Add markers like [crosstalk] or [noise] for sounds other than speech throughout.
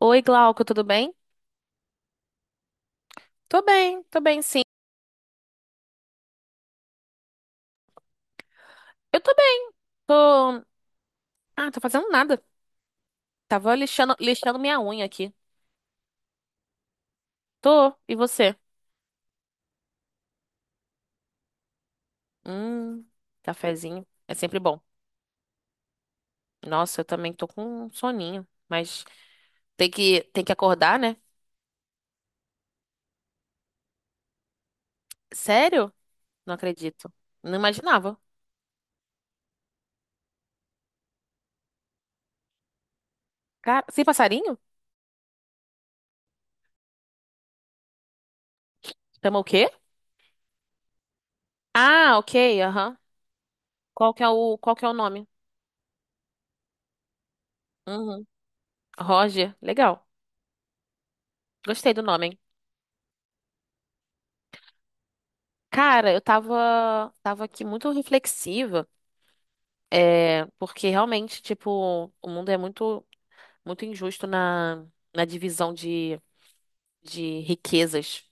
Oi, Glauco, tudo bem? Tô bem, tô bem, sim. Eu tô bem. Tô. Ah, tô fazendo nada. Tava lixando, lixando minha unha aqui. Tô. E você? Hum. Cafezinho. É sempre bom. Nossa, eu também tô com um soninho. Mas tem que acordar, né? Sério? Não acredito. Não imaginava. Cara, sem passarinho? Chama o quê? Ah, ok, aham. Qual que é o nome? Uhum. Roger. Legal. Gostei do nome, hein? Cara, eu tava aqui muito reflexiva. É, porque realmente, tipo, o mundo é muito, muito injusto na divisão de riquezas.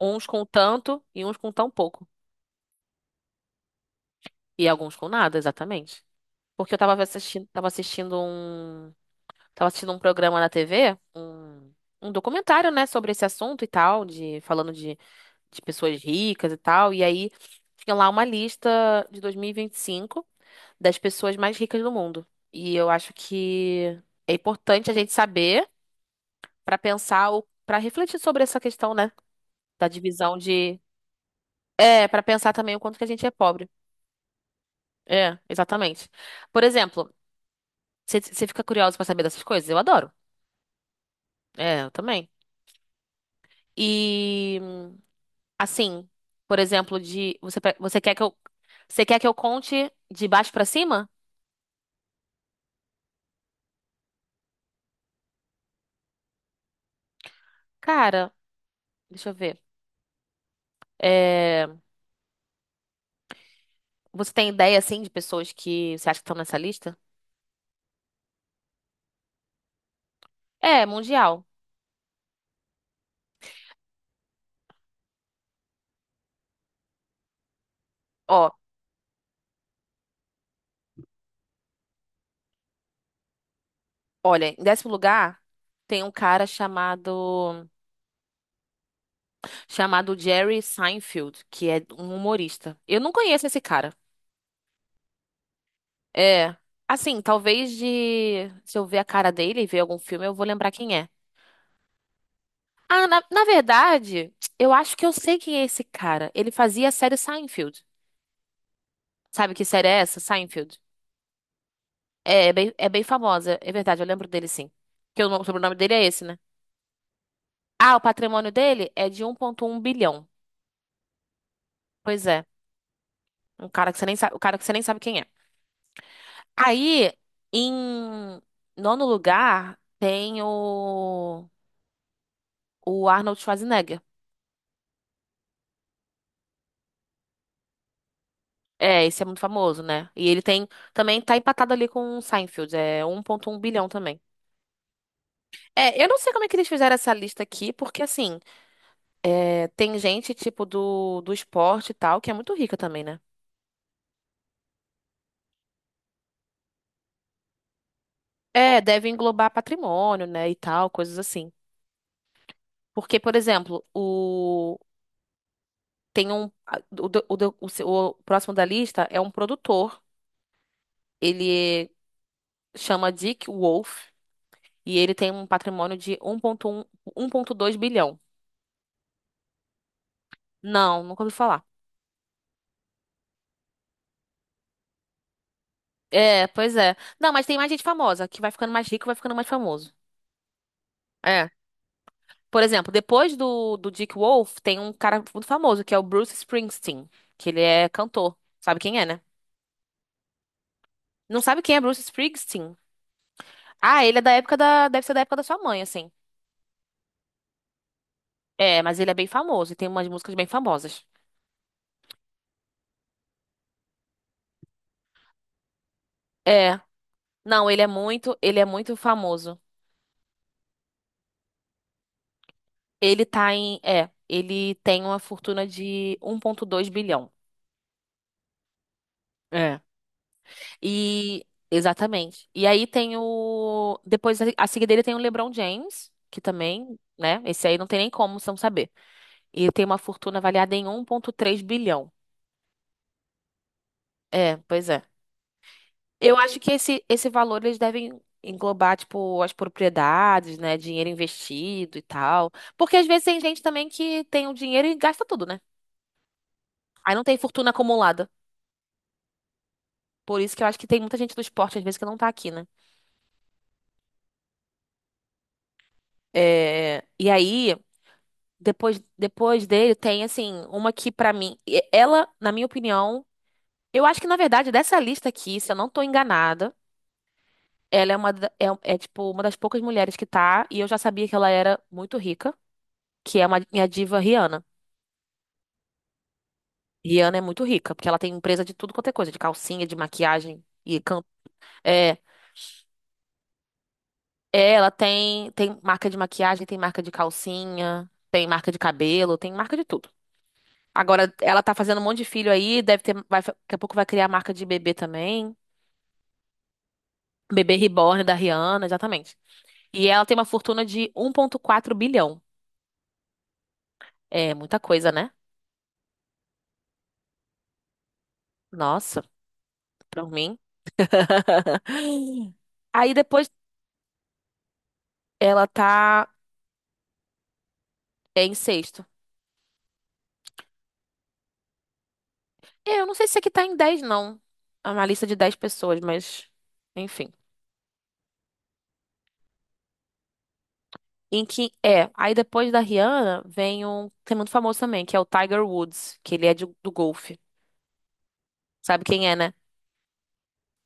Uns com tanto e uns com tão pouco. E alguns com nada, exatamente. Porque eu tava assistindo um programa na TV, um documentário, né, sobre esse assunto e tal, de falando de pessoas ricas e tal. E aí tinha lá uma lista de dois mil e vinte e cinco das pessoas mais ricas do mundo. E eu acho que é importante a gente saber para pensar, para refletir sobre essa questão, né? Da divisão de. É, para pensar também o quanto que a gente é pobre. É, exatamente. Por exemplo, você fica curioso para saber dessas coisas? Eu adoro. É, eu também. E assim, por exemplo, você quer que eu conte de baixo pra cima? Cara, deixa eu ver. É, você tem ideia assim de pessoas que você acha que estão nessa lista? É, mundial. Ó, olha, em décimo lugar tem um cara chamado Jerry Seinfeld, que é um humorista. Eu não conheço esse cara. É, assim, talvez de se eu ver a cara dele e ver algum filme, eu vou lembrar quem é. Ah, na verdade, eu acho que eu sei quem é esse cara. Ele fazia a série Seinfeld. Sabe que série é essa? Seinfeld. É bem famosa, é verdade, eu lembro dele sim. Que o sobrenome dele é esse, né? Ah, o patrimônio dele é de 1,1 bilhão. Pois é, um cara que você nem sabe, o cara que você nem sabe quem é. Aí, em nono lugar, tem o Arnold Schwarzenegger. É, esse é muito famoso, né? E também tá empatado ali com o Seinfeld, é 1,1 bilhão também. É, eu não sei como é que eles fizeram essa lista aqui, porque assim, é, tem gente tipo do esporte e tal, que é muito rica também, né? É, deve englobar patrimônio, né, e tal, coisas assim. Porque, por exemplo, o tem um o, do- o, do- o, se- o próximo da lista é um produtor. Ele chama Dick Wolf e ele tem um patrimônio de 1,1, 1,2 bilhão. Não, nunca ouvi falar. É, pois é. Não, mas tem mais gente famosa que vai ficando mais rico, vai ficando mais famoso. É. Por exemplo, depois do Dick Wolf, tem um cara muito famoso que é o Bruce Springsteen, que ele é cantor. Sabe quem é, né? Não sabe quem é Bruce Springsteen? Ah, ele deve ser da época da sua mãe, assim. É, mas ele é bem famoso e tem umas músicas bem famosas. É. Não, ele é muito famoso. Ele tá em, é, ele tem uma fortuna de 1,2 bilhão. É. E exatamente. E aí tem o depois a seguir dele tem o LeBron James, que também, né? Esse aí não tem nem como não saber. E tem uma fortuna avaliada em 1,3 bilhão. É, pois é. Eu acho que esse valor eles devem englobar tipo as propriedades, né, dinheiro investido e tal, porque às vezes tem gente também que tem o dinheiro e gasta tudo, né? Aí não tem fortuna acumulada. Por isso que eu acho que tem muita gente do esporte, às vezes, que não tá aqui, né? É, e aí, depois dele, tem, assim, uma que, pra mim, ela, na minha opinião, eu acho que, na verdade, dessa lista aqui, se eu não tô enganada, ela é tipo, uma das poucas mulheres que tá, e eu já sabia que ela era muito rica, que é minha diva Rihanna. Rihanna é muito rica, porque ela tem empresa de tudo quanto é coisa, de calcinha, de maquiagem e canto. É, é, ela tem marca de maquiagem, tem marca de calcinha, tem marca de cabelo, tem marca de tudo. Agora ela tá fazendo um monte de filho aí, daqui a pouco vai criar a marca de bebê também. Bebê Reborn da Rihanna, exatamente. E ela tem uma fortuna de 1,4 bilhão. É muita coisa, né? Nossa, pra mim. [laughs] Aí depois ela tá em sexto. É, eu não sei se aqui tá em 10 não. É uma lista de 10 pessoas, mas enfim. Aí depois da Rihanna vem um que é muito famoso também, que é o Tiger Woods, que ele é do golfe. Sabe quem é, né?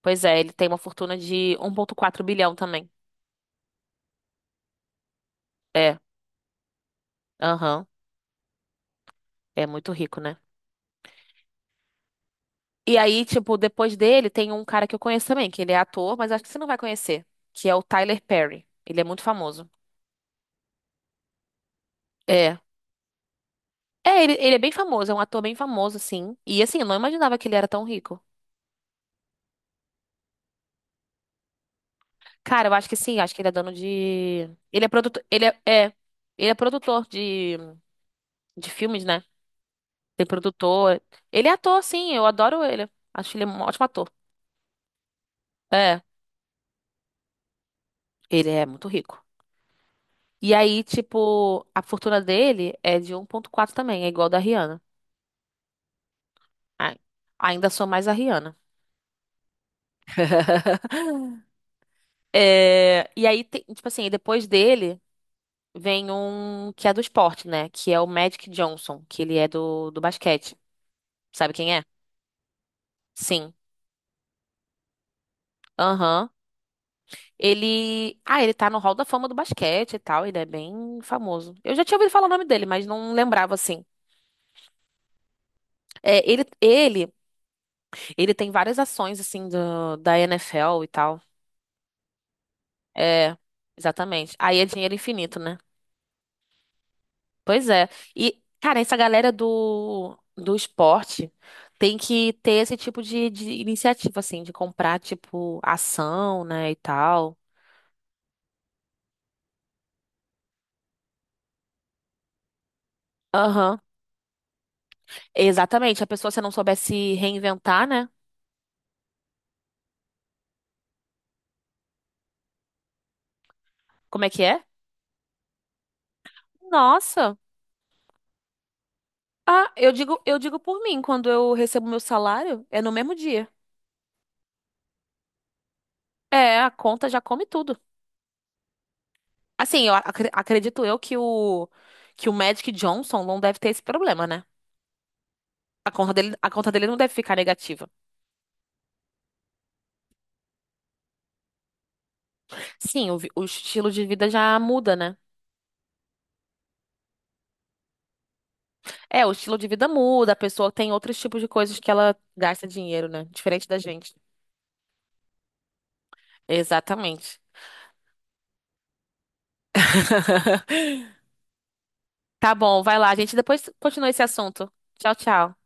Pois é, ele tem uma fortuna de 1,4 bilhão também. É, aham, é muito rico, né? E aí, tipo, depois dele tem um cara que eu conheço também, que ele é ator, mas acho que você não vai conhecer, que é o Tyler Perry. Ele é muito famoso. É. É, ele é bem famoso, é um ator bem famoso, assim. E assim, eu não imaginava que ele era tão rico. Cara, eu acho que sim, acho que ele é dono de. Ele é produtor. Ele é produtor de filmes, né? Tem produtor. Ele é ator, sim, eu adoro ele. Acho ele um ótimo ator. É, ele é muito rico. E aí, tipo, a fortuna dele é de 1,4 também, é igual a da Rihanna. Ai, ainda sou mais a Rihanna. [laughs] É, e aí, tipo assim, depois dele vem um que é do esporte, né? Que é o Magic Johnson, que ele é do basquete. Sabe quem é? Sim. Aham. Ele. Ah, ele tá no Hall da Fama do basquete e tal. Ele é bem famoso. Eu já tinha ouvido falar o nome dele, mas não lembrava assim. É, ele tem várias ações assim da NFL e tal. É, exatamente. Aí é dinheiro infinito, né? Pois é. E, cara, essa galera do esporte tem que ter esse tipo de iniciativa, assim, de comprar, tipo, ação, né, e tal. Aham. Exatamente. A pessoa, se não souber se reinventar, né? Como é que é? Nossa. Ah, eu digo por mim, quando eu recebo meu salário, é no mesmo dia. É, a conta já come tudo. Assim, eu acredito eu que o Magic Johnson não deve ter esse problema, né? A conta dele não deve ficar negativa. Sim, o estilo de vida já muda, né? É, o estilo de vida muda, a pessoa tem outros tipos de coisas que ela gasta dinheiro, né? Diferente da gente. Exatamente. [laughs] Tá bom, vai lá, a gente depois continua esse assunto. Tchau, tchau.